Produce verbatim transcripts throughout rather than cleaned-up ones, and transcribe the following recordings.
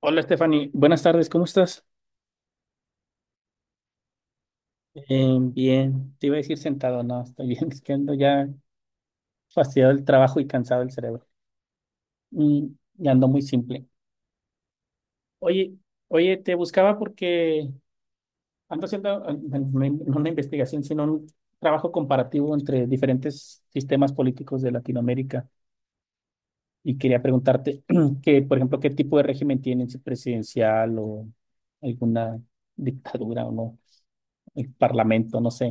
Hola Stephanie, buenas tardes, ¿cómo estás? Eh, bien, te iba a decir sentado, no, estoy bien, es que ando ya fastidiado del trabajo y cansado del cerebro. Mm, y ando muy simple. Oye, oye, te buscaba porque ando haciendo eh, me- me- no una investigación, sino un trabajo comparativo entre diferentes sistemas políticos de Latinoamérica y quería preguntarte que, por ejemplo, qué tipo de régimen tienen, si presidencial o alguna dictadura o no, el parlamento, no sé.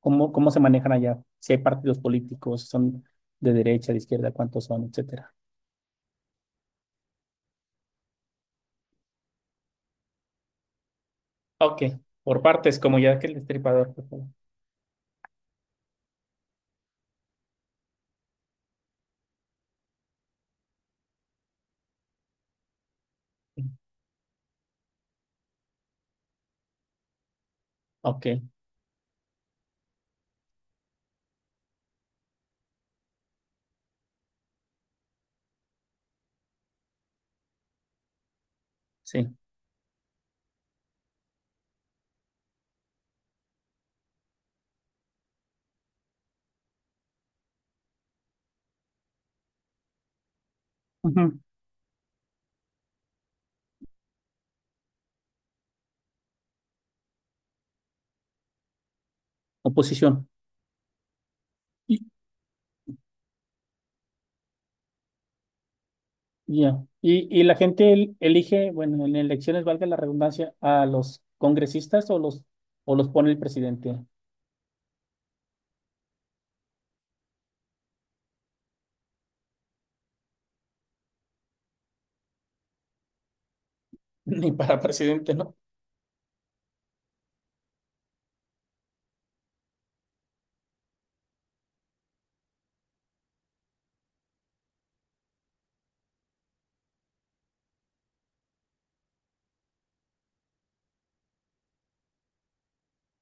¿Cómo, cómo se manejan allá? Si hay partidos políticos, si son de derecha, de izquierda, cuántos son, etcétera. Ok, por partes, como ya que el destripador. Por favor. Ok, sí. Ujú. Oposición. Y, ya. Y, y la gente el- elige, bueno, en elecciones, valga la redundancia, a los congresistas o los, o los pone el presidente. Ni para presidente, ¿no?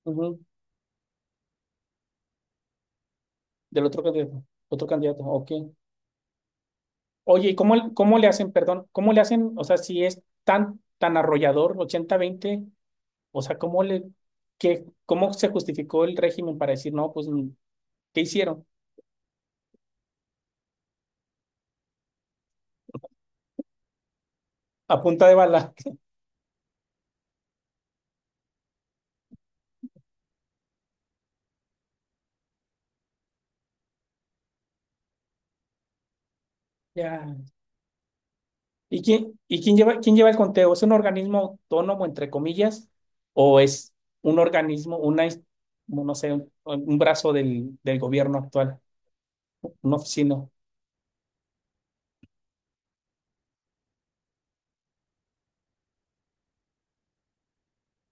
Ujú. Del otro candidato. Otro candidato, ok. Oye, ¿y cómo, cómo le hacen, perdón, cómo le hacen, o sea, si es tan, tan arrollador, ochenta veinte. O sea, ¿cómo le, qué, cómo se justificó el régimen para decir, no, pues, mm, ¿qué hicieron? A punta de bala. Ya. ¿Y quién, y quién lleva, quién lleva el conteo? ¿Es un organismo autónomo, entre comillas, o es un organismo, una, ins- no sé, un, un brazo del, del gobierno actual, una oficina?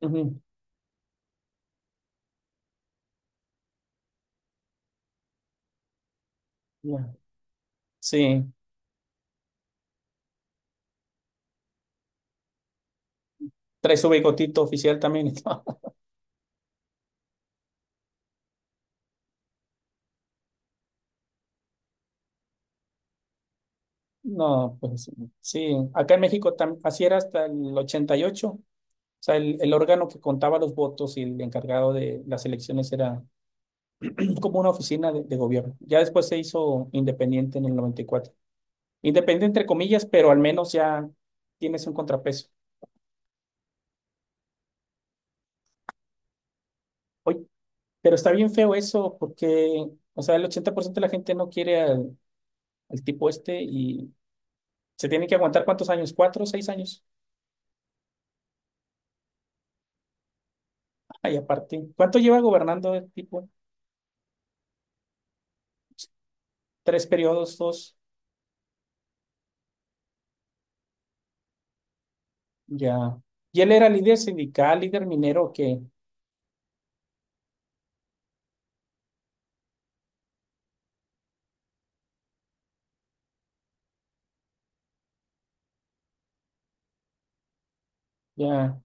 Ujú, ya. Sí, trae su bigotito oficial también. No, pues sí. Acá, en México tam- así era hasta el ochenta y ocho. Sea, el, el órgano que contaba los votos y el encargado de las elecciones era como una oficina de, de gobierno. Ya después se hizo independiente en el noventa y cuatro. Independiente entre comillas, pero al menos ya tienes un contrapeso. Oye, pero está bien feo eso porque, o sea, el ochenta por ciento de la gente no quiere al, al tipo este y se tiene que aguantar cuántos años, cuatro, seis años. Ay, aparte, ¿cuánto lleva gobernando el tipo? Tres periodos, dos, ya. Y él era líder sindical, líder minero, que ya.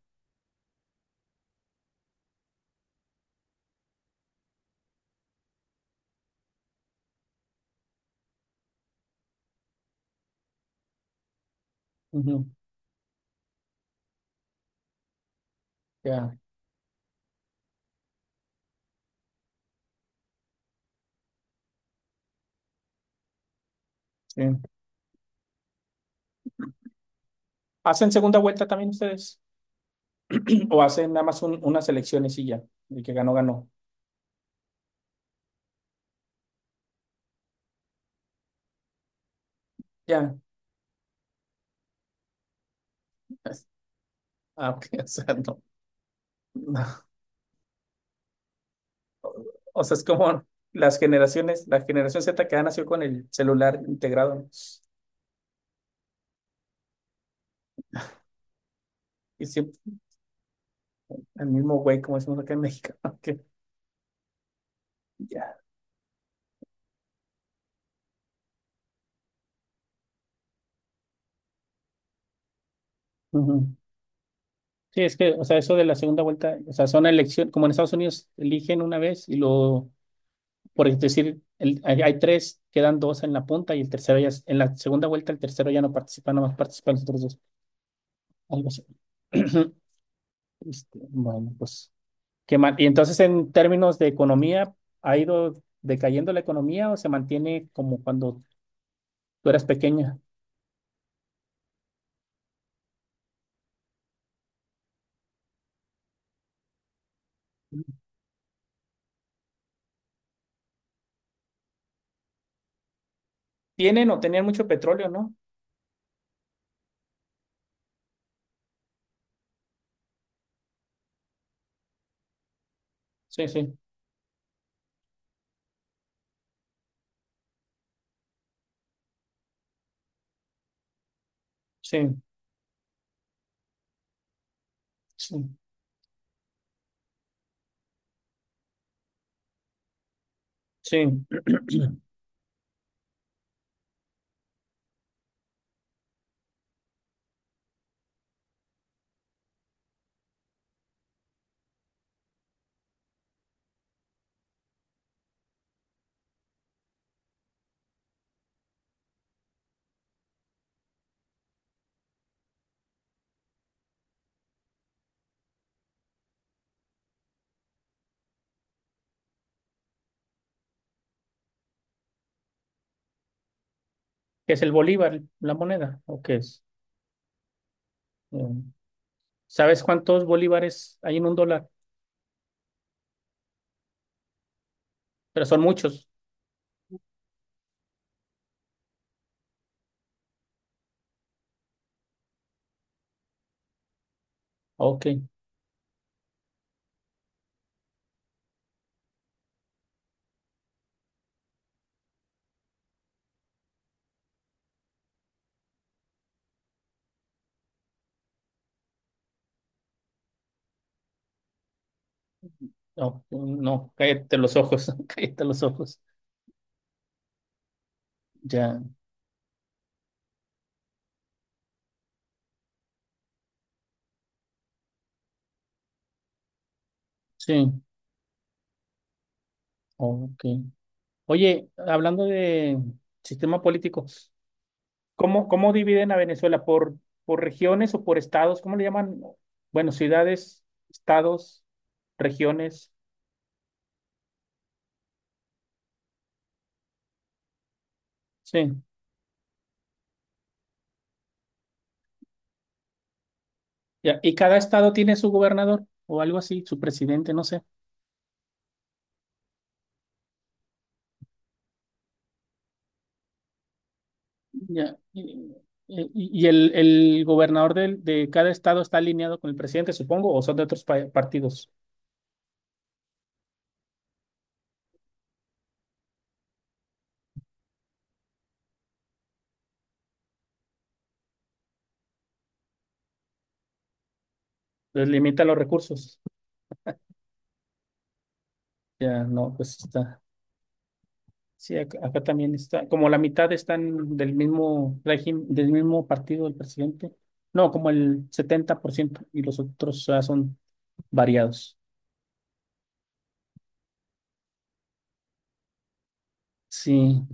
Ujú. Ya, sí. ¿Hacen segunda vuelta también ustedes? ¿O hacen nada más un- unas elecciones y ya? El que ganó, ganó. Ya. Es- Ah, ok, o sea, no. No. O sea, es como las generaciones, la generación Z que ha nacido con el celular integrado, ¿no? Y siempre el mismo güey, como decimos acá en México. Ok, ya. Ujú. Sí, es que, o sea, eso de la segunda vuelta, o sea, son elecciones, como en Estados Unidos eligen una vez y lo. Por decir, el- hay, hay tres, quedan dos en la punta y el tercero ya, es- en la segunda vuelta el tercero ya no participa, nomás participan los otros dos. Algo así. Este, bueno, pues qué mal. Y entonces en términos de economía, ¿ha ido decayendo la economía o se mantiene como cuando tú eras pequeña? Tienen o tenían mucho petróleo, ¿no? Sí, sí, sí, sí, sí. ¿Qué es el bolívar, la moneda? ¿O qué es? Mm. ¿Sabes cuántos bolívares hay en un dólar? Pero son muchos. Ok. No, no, cállate los ojos, cállate los ojos. Ya, sí, ok. Oye, hablando de sistema político, ¿cómo, cómo dividen a Venezuela? ¿Por, por regiones o por estados? ¿Cómo le llaman? Bueno, ciudades, estados, regiones. Sí, ya. ¿Y cada estado tiene su gobernador o algo así, su presidente, no sé? Ya. ¿Y, y- y el, el, gobernador del- de, cada estado está alineado con el presidente, supongo, o son de otros pa- partidos? Les limitan los recursos. Ya, no, pues está. Sí, acá, acá también está. Como la mitad están del mismo régimen, del mismo partido del presidente. No, como el setenta por ciento y los otros ya son variados. Sí,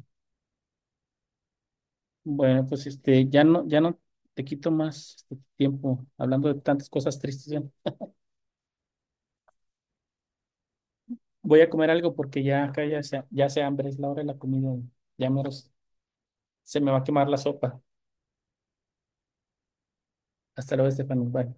bueno, pues este, ya no, ya no te quito más este, tiempo hablando de tantas cosas tristes. Ya. Voy a comer algo porque ya acá ya se, ya se hambre, es la hora de la comida. Ya menos se me va a quemar la sopa. Hasta luego, Estefano. Bye.